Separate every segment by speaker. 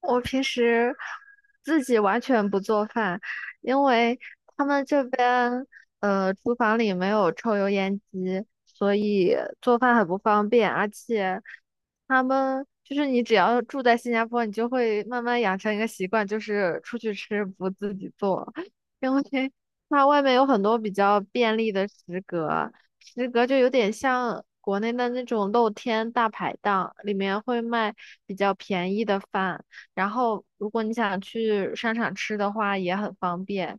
Speaker 1: 我平时自己完全不做饭，因为他们这边厨房里没有抽油烟机，里做饭很不方便，而且他们就是你只要住在新加坡，你就会慢慢养成一个习惯，就是出去吃不自己做，因为它外面有很多比较便利的食阁，食阁就有点像国内的那种露天大排档，里面会卖比较便宜的饭，然后如果你想去商场吃的话也很方便，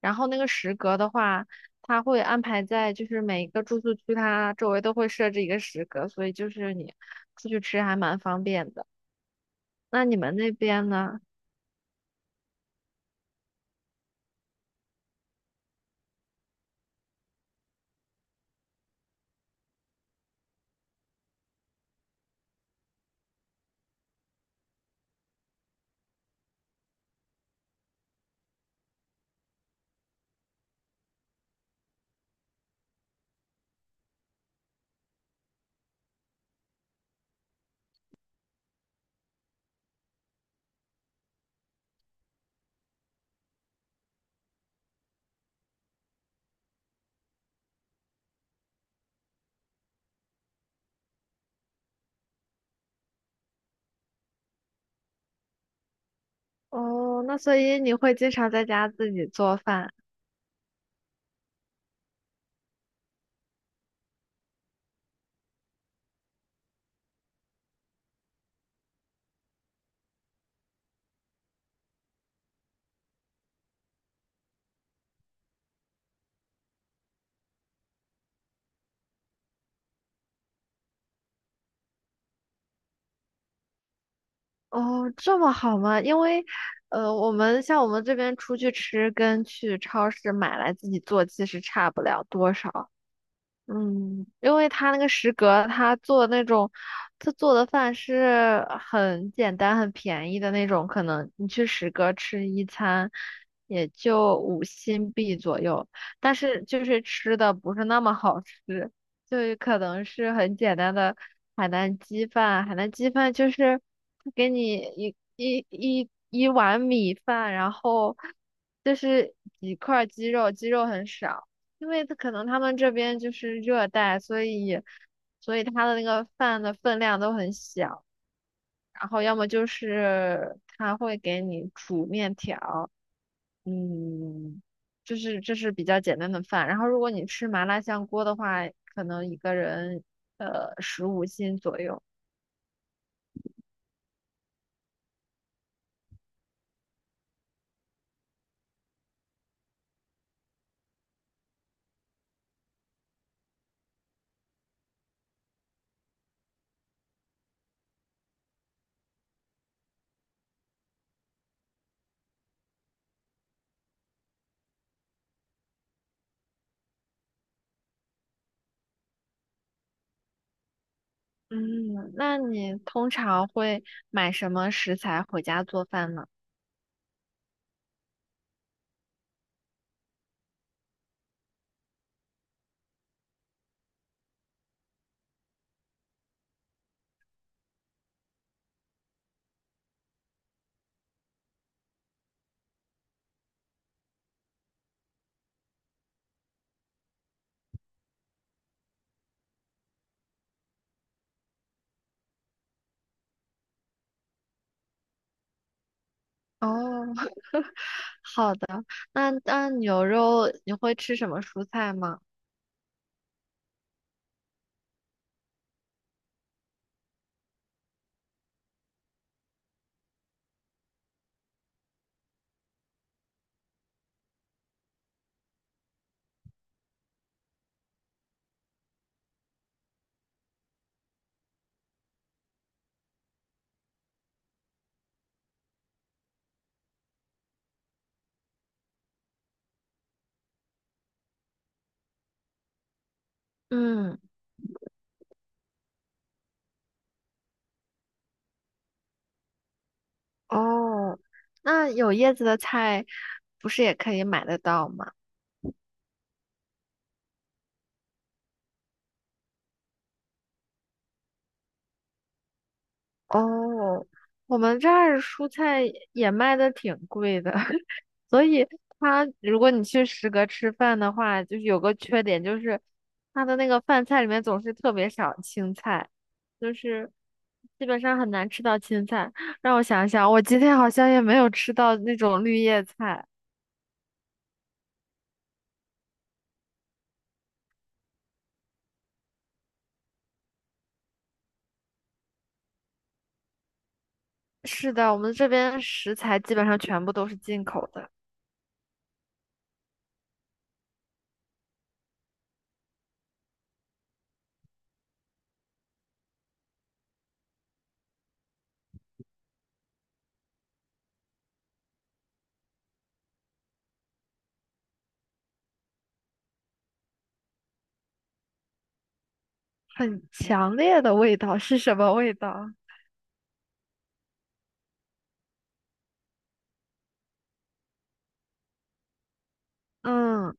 Speaker 1: 然后那个食阁的话。它会安排在就是每一个住宿区，它周围都会设置一个食阁，所以就是你出去吃还蛮方便的。那你们那边呢？哦，那所以你会经常在家自己做饭？哦，这么好吗？因为，我们像我们这边出去吃跟去超市买来自己做其实差不了多少。嗯，因为他那个食阁，他做那种，他做的饭是很简单、很便宜的那种，可能你去食阁吃一餐也就5新币左右，但是就是吃的不是那么好吃，就是可能是很简单的海南鸡饭，海南鸡饭就是给你一碗米饭，然后就是几块鸡肉，鸡肉很少。因为他可能他们这边就是热带，所以他的那个饭的分量都很小，然后要么就是他会给你煮面条，嗯，就是这是比较简单的饭。然后如果你吃麻辣香锅的话，可能一个人15斤左右。嗯，那你通常会买什么食材回家做饭呢？哦，那那牛肉你会吃什么蔬菜吗？嗯。哦，那有叶子的菜不是也可以买得到吗？哦，我们这儿蔬菜也卖的挺贵的，所以它如果你去食阁吃饭的话，就是有个缺点，就是它的那个饭菜里面总是特别少青菜，就是基本上很难吃到青菜。让我想想，我今天好像也没有吃到那种绿叶菜。是的，我们这边食材基本上全部都是进口的。很强烈的味道是什么味道？嗯，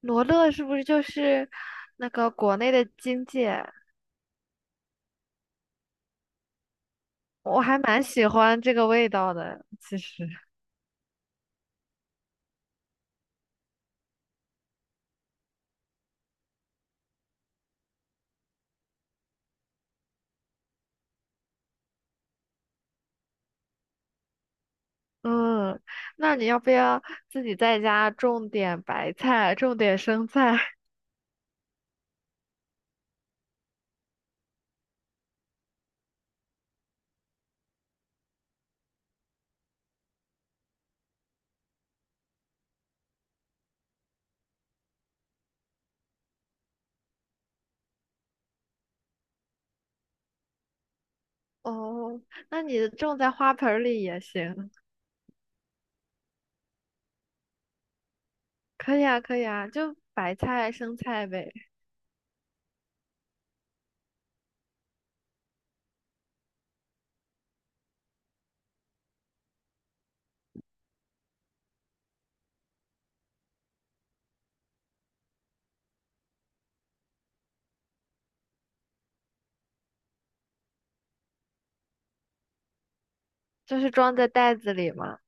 Speaker 1: 罗勒是不是就是那个国内的荆芥？我还蛮喜欢这个味道的，其实。嗯，那你要不要自己在家种点白菜，种点生菜？哦，那你种在花盆儿里也行。可以啊，可以啊，就白菜、生菜呗，就是装在袋子里嘛。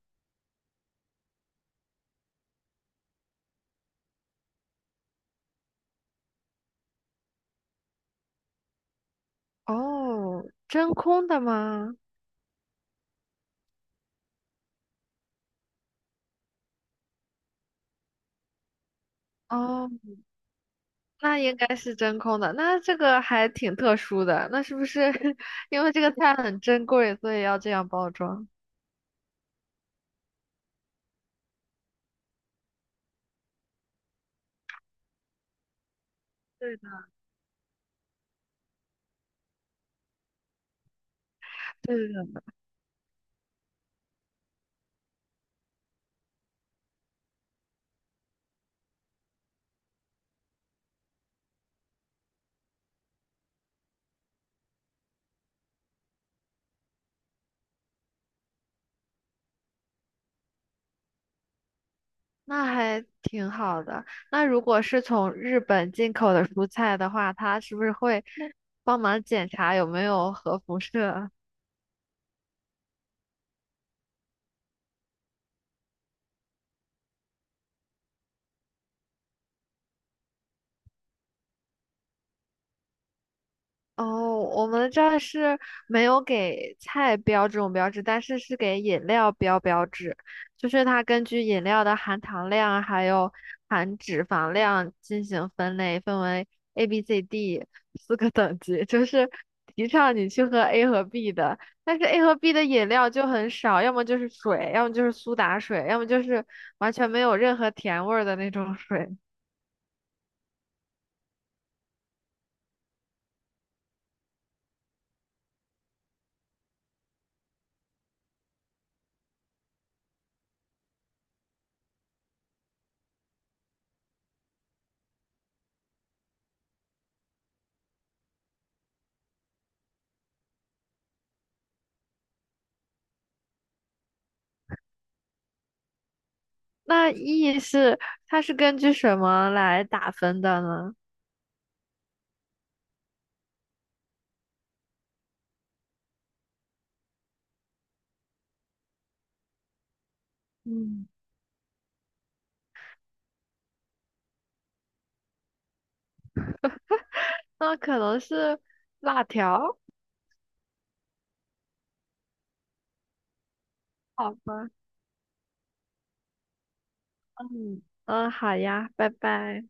Speaker 1: 哦，真空的吗？哦，那应该是真空的，那这个还挺特殊的。那是不是 因为这个菜很珍贵，所以要这样包装？对的，对的，那还挺好的。那如果是从日本进口的蔬菜的话，它是不是会帮忙检查有没有核辐射啊？哦，我们这儿是没有给菜标这种标志，但是是给饮料标标志，就是它根据饮料的含糖量还有含脂肪量进行分类，分为 A、B、C、D 四个等级，就是提倡你去喝 A 和 B 的，但是 A 和 B 的饮料就很少，要么就是水，要么就是苏打水，要么就是完全没有任何甜味儿的那种水。那 E 是它是根据什么来打分的呢？嗯，那可能是辣条，好吧，嗯，嗯，好呀，拜拜。